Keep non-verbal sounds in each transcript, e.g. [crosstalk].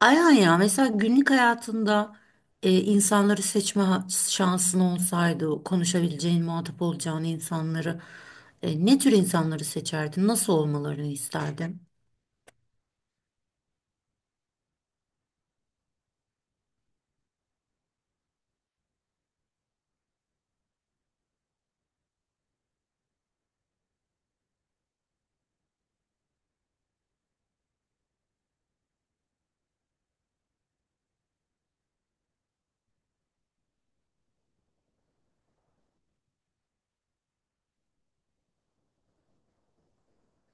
Aynen ya, mesela günlük hayatında insanları seçme şansın olsaydı, konuşabileceğin, muhatap olacağın insanları, ne tür insanları seçerdin? Nasıl olmalarını isterdin?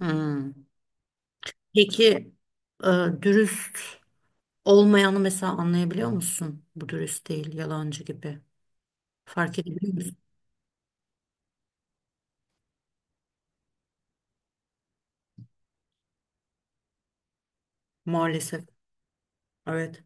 Hmm. Peki, e, dürüst olmayanı mesela anlayabiliyor musun? Bu dürüst değil, yalancı gibi. Fark edebiliyor musun? Maalesef. Evet.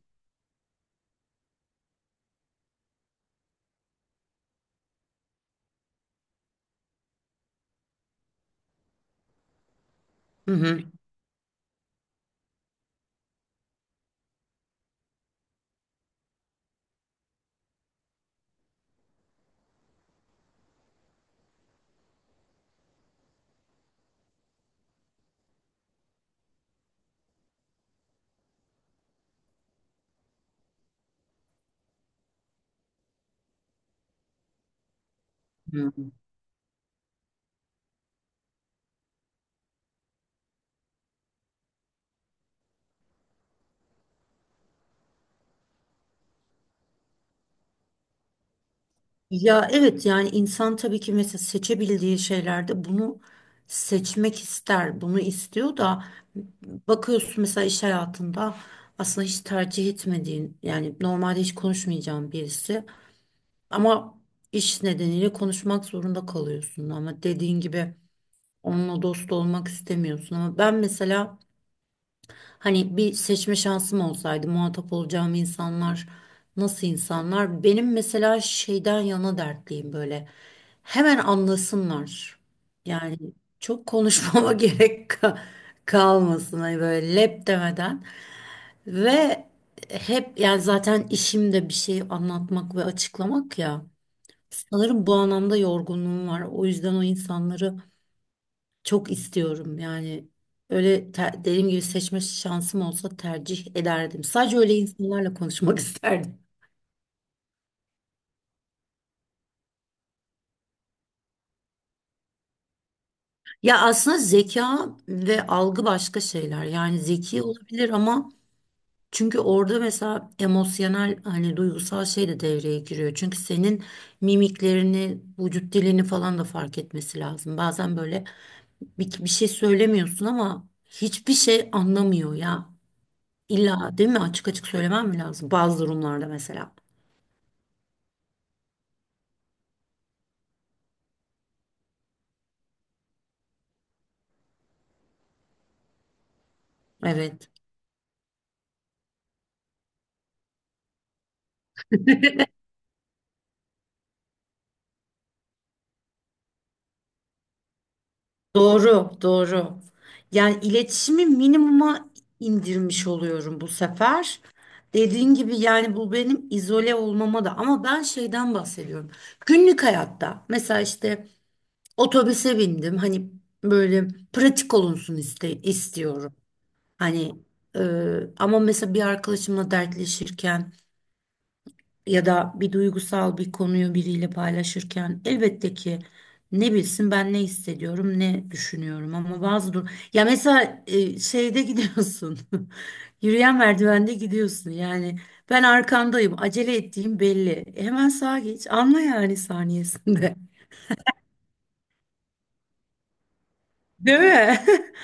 Hı hı. Hı. Ya evet, yani insan tabii ki mesela seçebildiği şeylerde bunu seçmek ister, bunu istiyor da bakıyorsun mesela iş hayatında aslında hiç tercih etmediğin, yani normalde hiç konuşmayacağın birisi ama iş nedeniyle konuşmak zorunda kalıyorsun, ama dediğin gibi onunla dost olmak istemiyorsun. Ama ben mesela hani bir seçme şansım olsaydı, muhatap olacağım insanlar nasıl insanlar? Benim mesela şeyden yana dertliyim böyle. Hemen anlasınlar. Yani çok konuşmama [laughs] kalmasın, hani böyle lep demeden. Ve hep yani zaten işimde bir şey anlatmak ve açıklamak ya. Sanırım bu anlamda yorgunluğum var. O yüzden o insanları çok istiyorum yani. Öyle, dediğim gibi seçme şansım olsa tercih ederdim. Sadece öyle insanlarla konuşmak [laughs] isterdim. Ya aslında zeka ve algı başka şeyler. Yani zeki olabilir ama çünkü orada mesela emosyonel, hani duygusal şey de devreye giriyor. Çünkü senin mimiklerini, vücut dilini falan da fark etmesi lazım. Bazen böyle bir şey söylemiyorsun ama hiçbir şey anlamıyor ya. İlla değil mi? Açık açık söylemem mi lazım? Bazı durumlarda mesela. Evet. Doğru, doğru. Yani iletişimi minimuma indirmiş oluyorum bu sefer. Dediğin gibi, yani bu benim izole olmama da, ama ben şeyden bahsediyorum. Günlük hayatta mesela işte otobüse bindim, hani böyle pratik olunsun istiyorum. Hani e, ama mesela bir arkadaşımla dertleşirken ya da bir duygusal bir konuyu biriyle paylaşırken elbette ki ne bilsin ben ne hissediyorum, ne düşünüyorum. Ama bazı dur, ya mesela şeyde gidiyorsun, [laughs] yürüyen merdivende gidiyorsun yani, ben arkandayım, acele ettiğim belli. Hemen sağa geç, anla yani saniyesinde. [laughs] Değil mi? [laughs]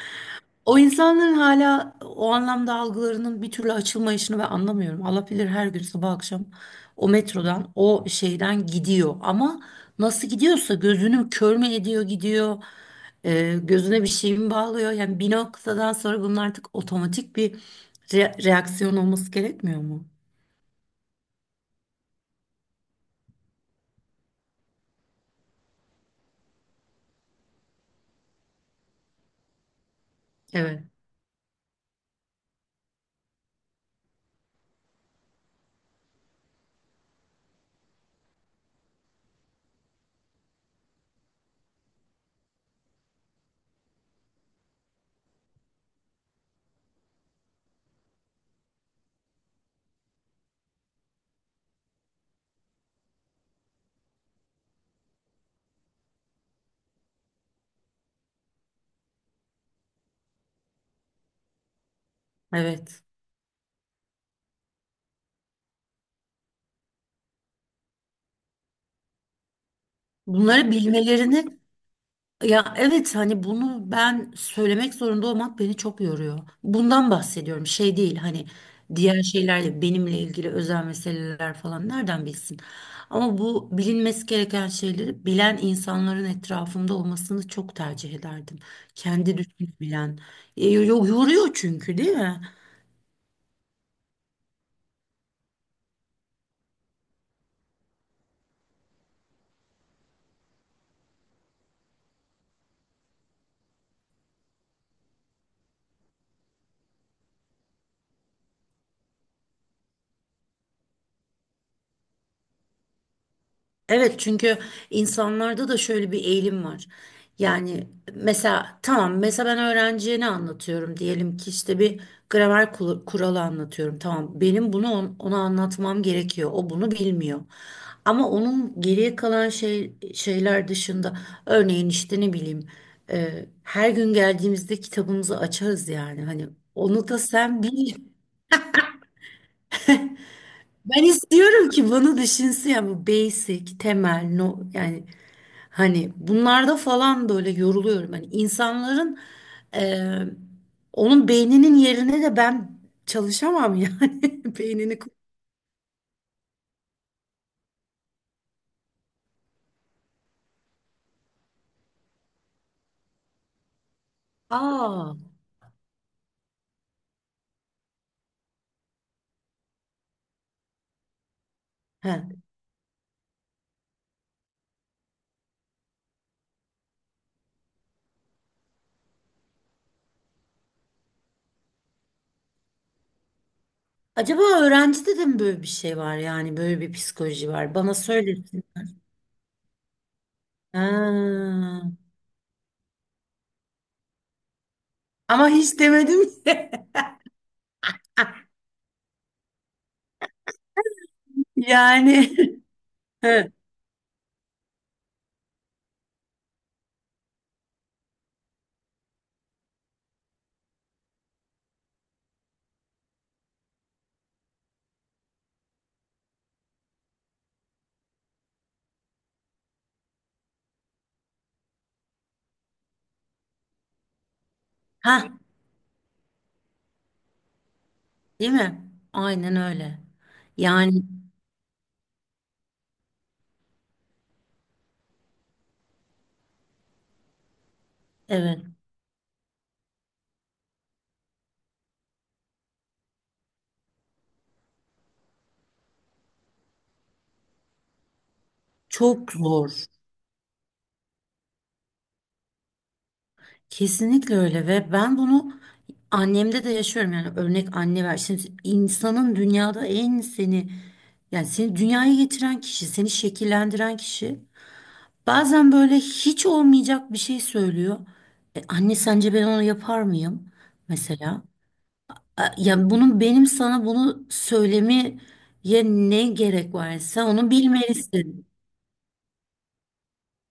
O insanların hala o anlamda algılarının bir türlü açılmayışını ben anlamıyorum. Allah bilir her gün sabah akşam o metrodan, o şeyden gidiyor. Ama nasıl gidiyorsa, gözünü kör mü ediyor gidiyor, gözüne bir şey mi bağlıyor? Yani bir noktadan sonra bunun artık otomatik bir reaksiyon olması gerekmiyor mu? Evet, evet. Bunları bilmelerini... Ya evet, hani bunu ben söylemek zorunda olmak beni çok yoruyor. Bundan bahsediyorum. Şey değil hani, diğer şeylerle benimle ilgili özel meseleler falan nereden bilsin. Ama bu bilinmesi gereken şeyleri bilen insanların etrafımda olmasını çok tercih ederdim. Kendi düşünebilen. Yoruyor çünkü, değil mi? Evet, çünkü insanlarda da şöyle bir eğilim var. Yani mesela tamam, mesela ben öğrenciye ne anlatıyorum, diyelim ki işte bir gramer kuralı anlatıyorum. Tamam, benim bunu ona anlatmam gerekiyor. O bunu bilmiyor. Ama onun geriye kalan şeyler dışında, örneğin işte ne bileyim, her gün geldiğimizde kitabımızı açarız yani. Hani onu da sen bil. Ben istiyorum ki bunu düşünsün ya, bu basic, temel, no, yani hani bunlarda falan böyle yoruluyorum. Hani insanların, e, onun beyninin yerine de ben çalışamam yani. [laughs] beynini. ku- Aa, he. Acaba öğrencide de mi böyle bir şey var, yani böyle bir psikoloji var? Bana söylesin. Ha. Ama hiç demedim ki. [laughs] Yani. [laughs] He. Ha, değil mi? Aynen öyle. Yani. Evet, çok zor. Kesinlikle öyle, ve ben bunu annemde de yaşıyorum, yani örnek anne ver. Şimdi insanın dünyada en seni, yani seni dünyaya getiren kişi, seni şekillendiren kişi bazen böyle hiç olmayacak bir şey söylüyor. E, anne sence ben onu yapar mıyım? Mesela. E, yani bunun benim sana bunu söylemeye ne gerek var? Yani sen onu bilmelisin.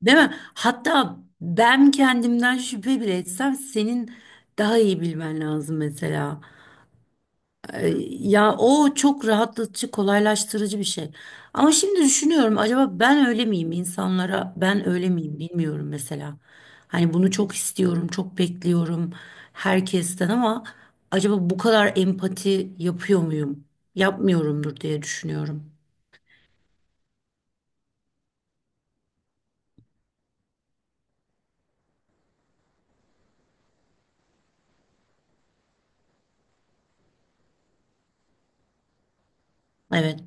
Değil mi? Hatta ben kendimden şüphe bile etsem senin daha iyi bilmen lazım mesela. Ya o çok rahatlatıcı, kolaylaştırıcı bir şey. Ama şimdi düşünüyorum, acaba ben öyle miyim insanlara? Ben öyle miyim, bilmiyorum mesela. Hani bunu çok istiyorum, çok bekliyorum herkesten, ama acaba bu kadar empati yapıyor muyum? Yapmıyorumdur diye düşünüyorum. Evet.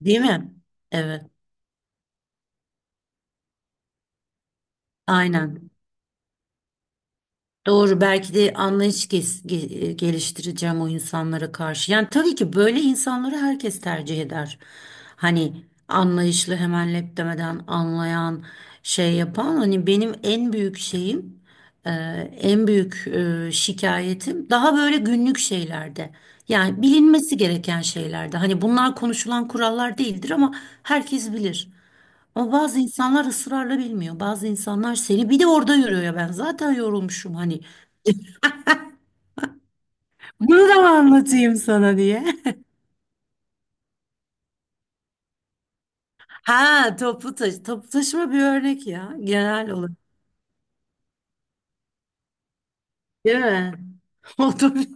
Değil mi? Evet. Aynen. Doğru, belki de anlayış geliştireceğim o insanlara karşı. Yani tabii ki böyle insanları herkes tercih eder. Hani anlayışlı, hemen lep demeden anlayan, şey yapan, hani benim en büyük şeyim, e, en büyük şikayetim daha böyle günlük şeylerde. Yani bilinmesi gereken şeylerde. Hani bunlar konuşulan kurallar değildir ama herkes bilir. Ama bazı insanlar ısrarla bilmiyor. Bazı insanlar, seni bir de orada yürüyor ya, ben zaten yorulmuşum hani. [laughs] Bunu da mı anlatayım sana diye. [laughs] Ha toplu taşı. Toplu taşıma bir örnek ya, genel olarak. Değil mi? [laughs] Otobüs,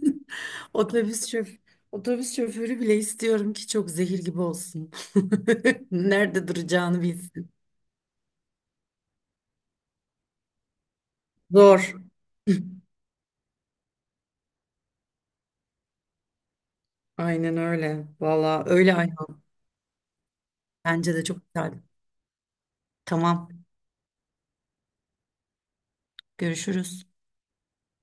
otobüs şoförü. Otobüs şoförü bile istiyorum ki çok zehir gibi olsun. [laughs] Nerede duracağını bilsin. Zor. Aynen öyle. Valla öyle ayol. Bence de çok güzel. Tamam. Görüşürüz.